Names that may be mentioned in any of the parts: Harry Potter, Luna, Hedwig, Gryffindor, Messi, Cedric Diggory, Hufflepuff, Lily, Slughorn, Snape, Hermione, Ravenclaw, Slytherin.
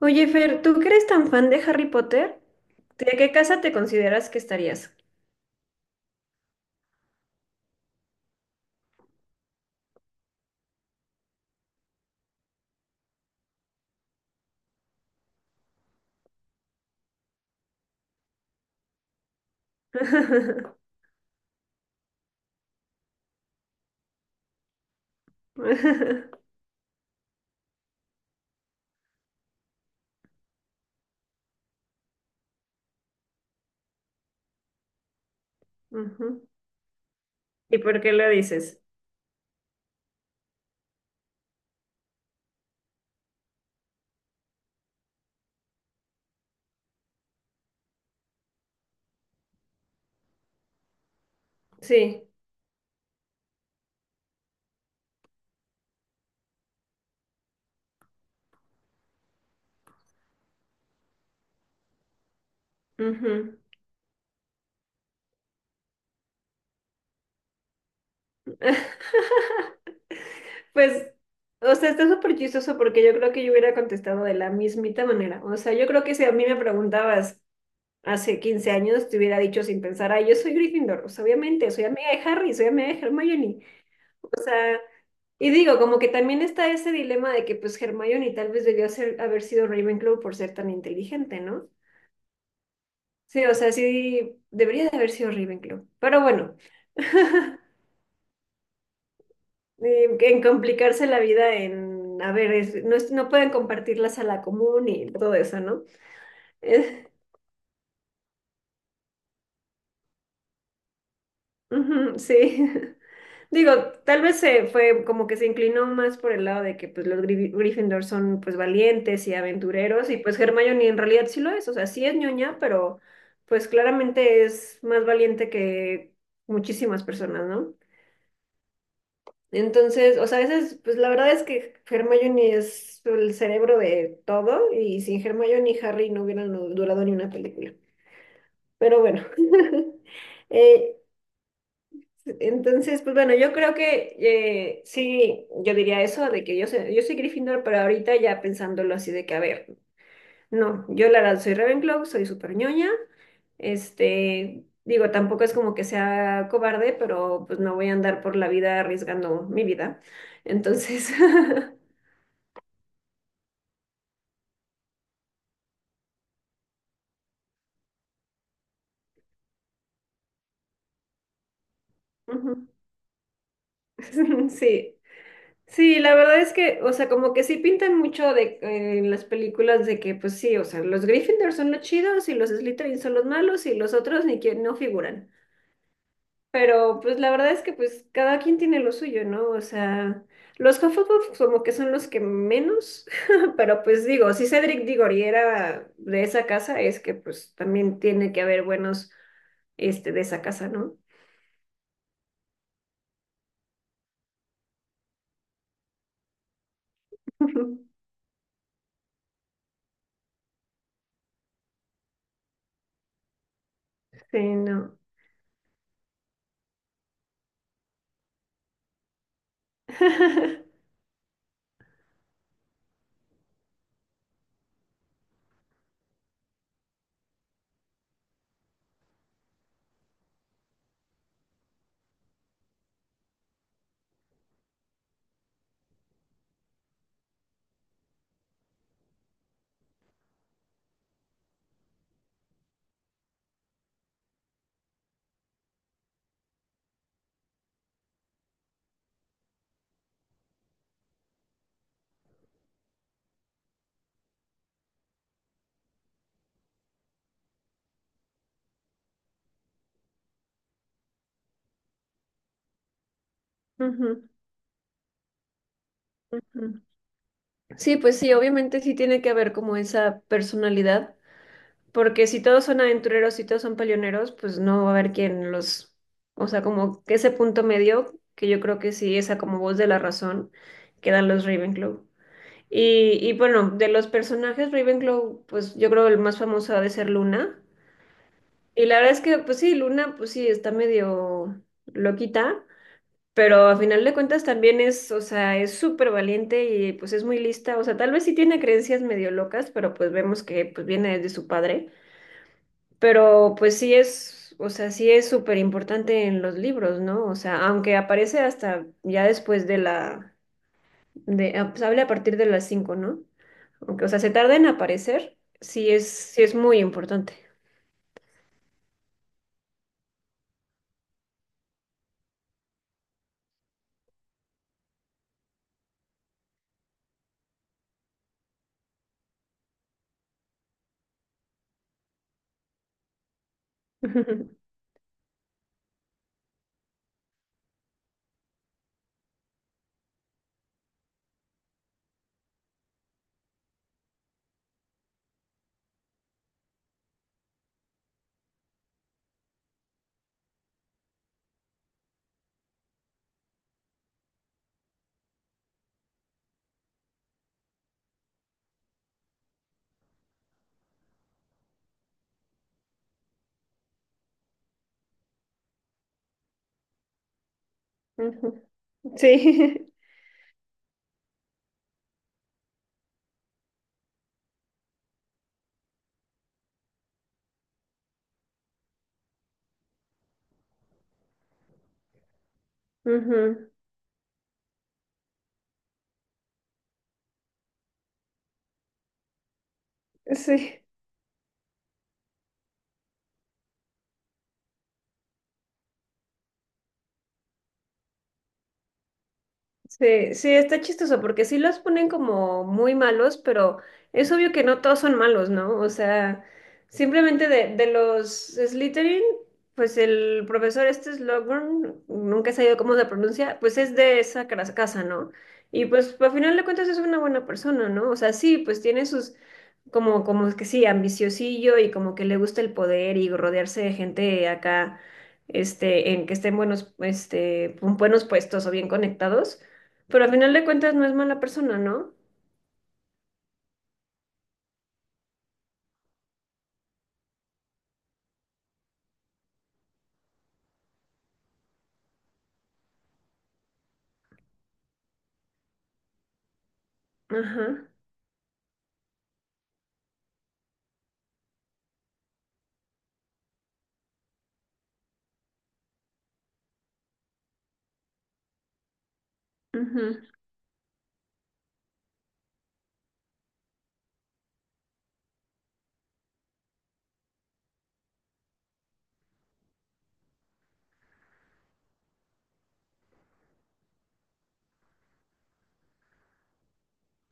Oye, Fer, ¿tú que eres tan fan de Harry Potter? ¿De qué casa te consideras que estarías? Ujú. ¿Y por qué lo dices? Sí. Ujú. Pues, o sea, está súper chistoso porque yo creo que yo hubiera contestado de la mismita manera. O sea, yo creo que si a mí me preguntabas hace 15 años, te hubiera dicho sin pensar, ay, yo soy Gryffindor. O sea, obviamente, soy amiga de Harry, soy amiga de Hermione. O sea, y digo, como que también está ese dilema de que pues Hermione tal vez haber sido Ravenclaw por ser tan inteligente, ¿no? Sí, o sea, sí debería de haber sido Ravenclaw. Pero bueno. En complicarse la vida en, a ver, no pueden compartir la sala común y todo eso, ¿no? Ujú, sí. Digo, tal vez se fue como que se inclinó más por el lado de que pues los Gryffindor son pues valientes y aventureros y pues Hermione en realidad sí lo es, o sea, sí es ñoña, pero pues claramente es más valiente que muchísimas personas, ¿no? Entonces, o sea, a veces pues la verdad es que Hermione es el cerebro de todo y sin Hermione y Harry no hubieran durado ni una película. Pero bueno. Eh, Entonces, pues bueno, yo creo que sí, yo diría eso, de que yo soy Gryffindor, pero ahorita ya pensándolo así de que, a ver, no, yo la verdad soy Ravenclaw, soy súper ñoña, este, digo, tampoco es como que sea cobarde, pero pues no voy a andar por la vida arriesgando mi vida. Entonces, ujú, sí. Sí, la verdad es que, o sea, como que sí pintan mucho de, en las películas de que, pues sí, o sea, los Gryffindor son los chidos y los Slytherin son los malos y los otros ni quien no figuran. Pero pues la verdad es que pues cada quien tiene lo suyo, ¿no? O sea, los Hufflepuff como que son los que menos, pero pues digo, si Cedric Diggory era de esa casa, es que pues también tiene que haber buenos, este, de esa casa, ¿no? Sí, no. Ujú, ujú. Sí, pues sí, obviamente sí tiene que haber como esa personalidad, porque si todos son aventureros, si todos son peleoneros, pues no va a haber quien los, o sea, como que ese punto medio, que yo creo que sí, esa como voz de la razón que dan los Ravenclaw. Y bueno, de los personajes Ravenclaw, pues yo creo el más famoso ha de ser Luna. Y la verdad es que, pues sí, Luna, pues sí, está medio loquita, pero a final de cuentas también es, o sea, es súper valiente y pues es muy lista. O sea, tal vez sí tiene creencias medio locas, pero pues vemos que pues viene desde su padre. Pero pues sí es, o sea, sí es súper importante en los libros, ¿no? O sea, aunque aparece hasta ya después de la, de, ah, pues habla a partir de las 5, ¿no? Aunque, o sea, se tarda en aparecer, sí es muy importante. Ujú. Sí. Ujú. Sí. Sí, sí, está chistoso porque sí los ponen como muy malos, pero es obvio que no todos son malos, ¿no? O sea, simplemente de los Slytherin, pues el profesor este Slughorn, nunca he sabido cómo se pronuncia, pues es de esa casa, ¿no? Y pues al final de cuentas es una buena persona, ¿no? O sea, sí, pues tiene sus, como que sí, ambiciosillo y como que le gusta el poder y rodearse de gente acá, en que estén buenos, en buenos puestos o bien conectados. Pero al final de cuentas no es mala persona, ¿no? Ajá. Ujú,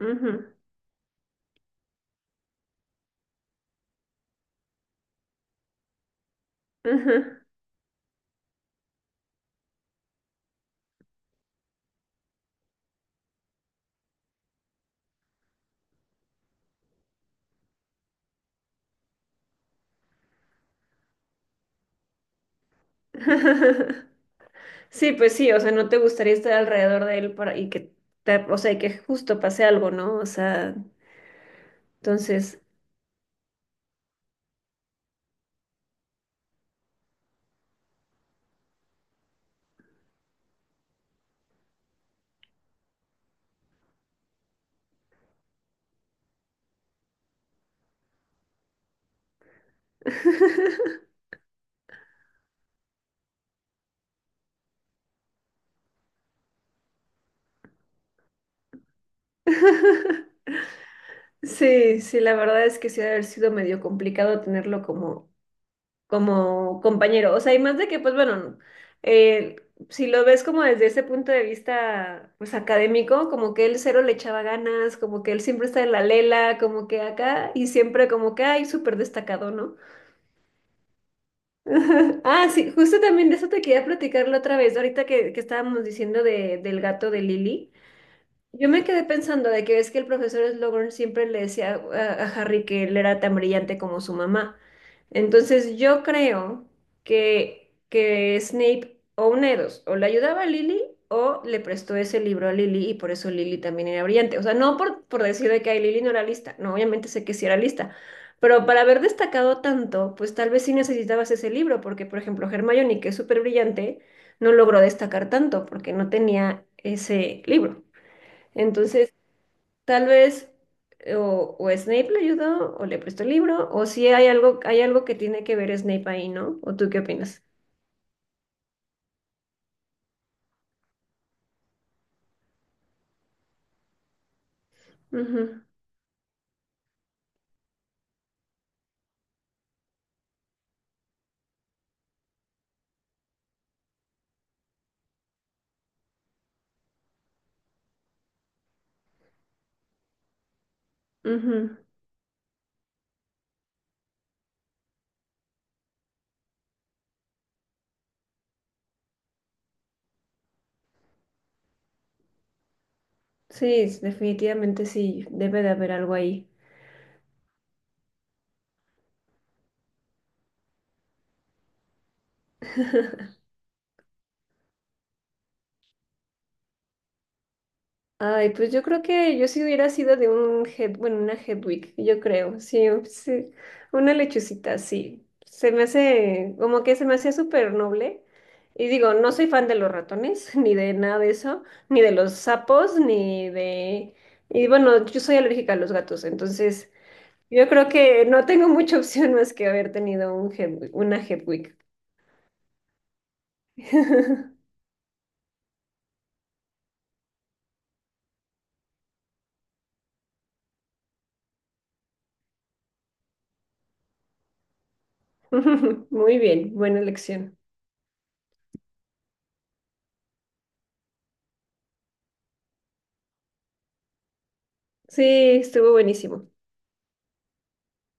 ujú, ujú. Sí, pues sí, o sea, no te gustaría estar alrededor de él para, y que o sea, y que justo pase algo, ¿no? O sea, entonces. Sí, sí, la verdad es que sí ha de haber sido medio complicado tenerlo como compañero. O sea, y más de que, pues bueno, eh, si lo ves como desde ese punto de vista, pues académico, como que él cero le echaba ganas, como que él siempre está en la lela, como que acá, y siempre como que, ay, súper destacado, ¿no? Ah, sí, justo también de eso te quería platicar la otra vez, ahorita que estábamos diciendo de, del gato de Lily. Yo me quedé pensando de que ves que el profesor Slughorn siempre le decía a Harry que él era tan brillante como su mamá. Entonces yo creo que Snape o una de dos, o le ayudaba a Lily o le prestó ese libro a Lily y por eso Lily también era brillante. O sea, no por decir de que ay, Lily no era lista, no, obviamente sé que sí era lista, pero para haber destacado tanto, pues tal vez sí necesitabas ese libro, porque por ejemplo Hermione, que es súper brillante, no logró destacar tanto porque no tenía ese libro. Entonces, tal vez o Snape le ayudó o le prestó el libro o si hay algo, hay algo que tiene que ver Snape ahí, ¿no? ¿O tú qué opinas? Ujú, ujú. Sí, definitivamente sí, debe de haber algo ahí. Ay, pues yo creo que yo si hubiera sido de una Hedwig, yo creo, sí, sí, una lechucita, sí. Como que se me hacía súper noble. Y digo, no soy fan de los ratones, ni de nada de eso, ni de los sapos, ni de... Y bueno, yo soy alérgica a los gatos, entonces yo creo que no tengo mucha opción más que haber tenido un una Hedwig. Muy bien, buena elección. Sí, estuvo buenísimo.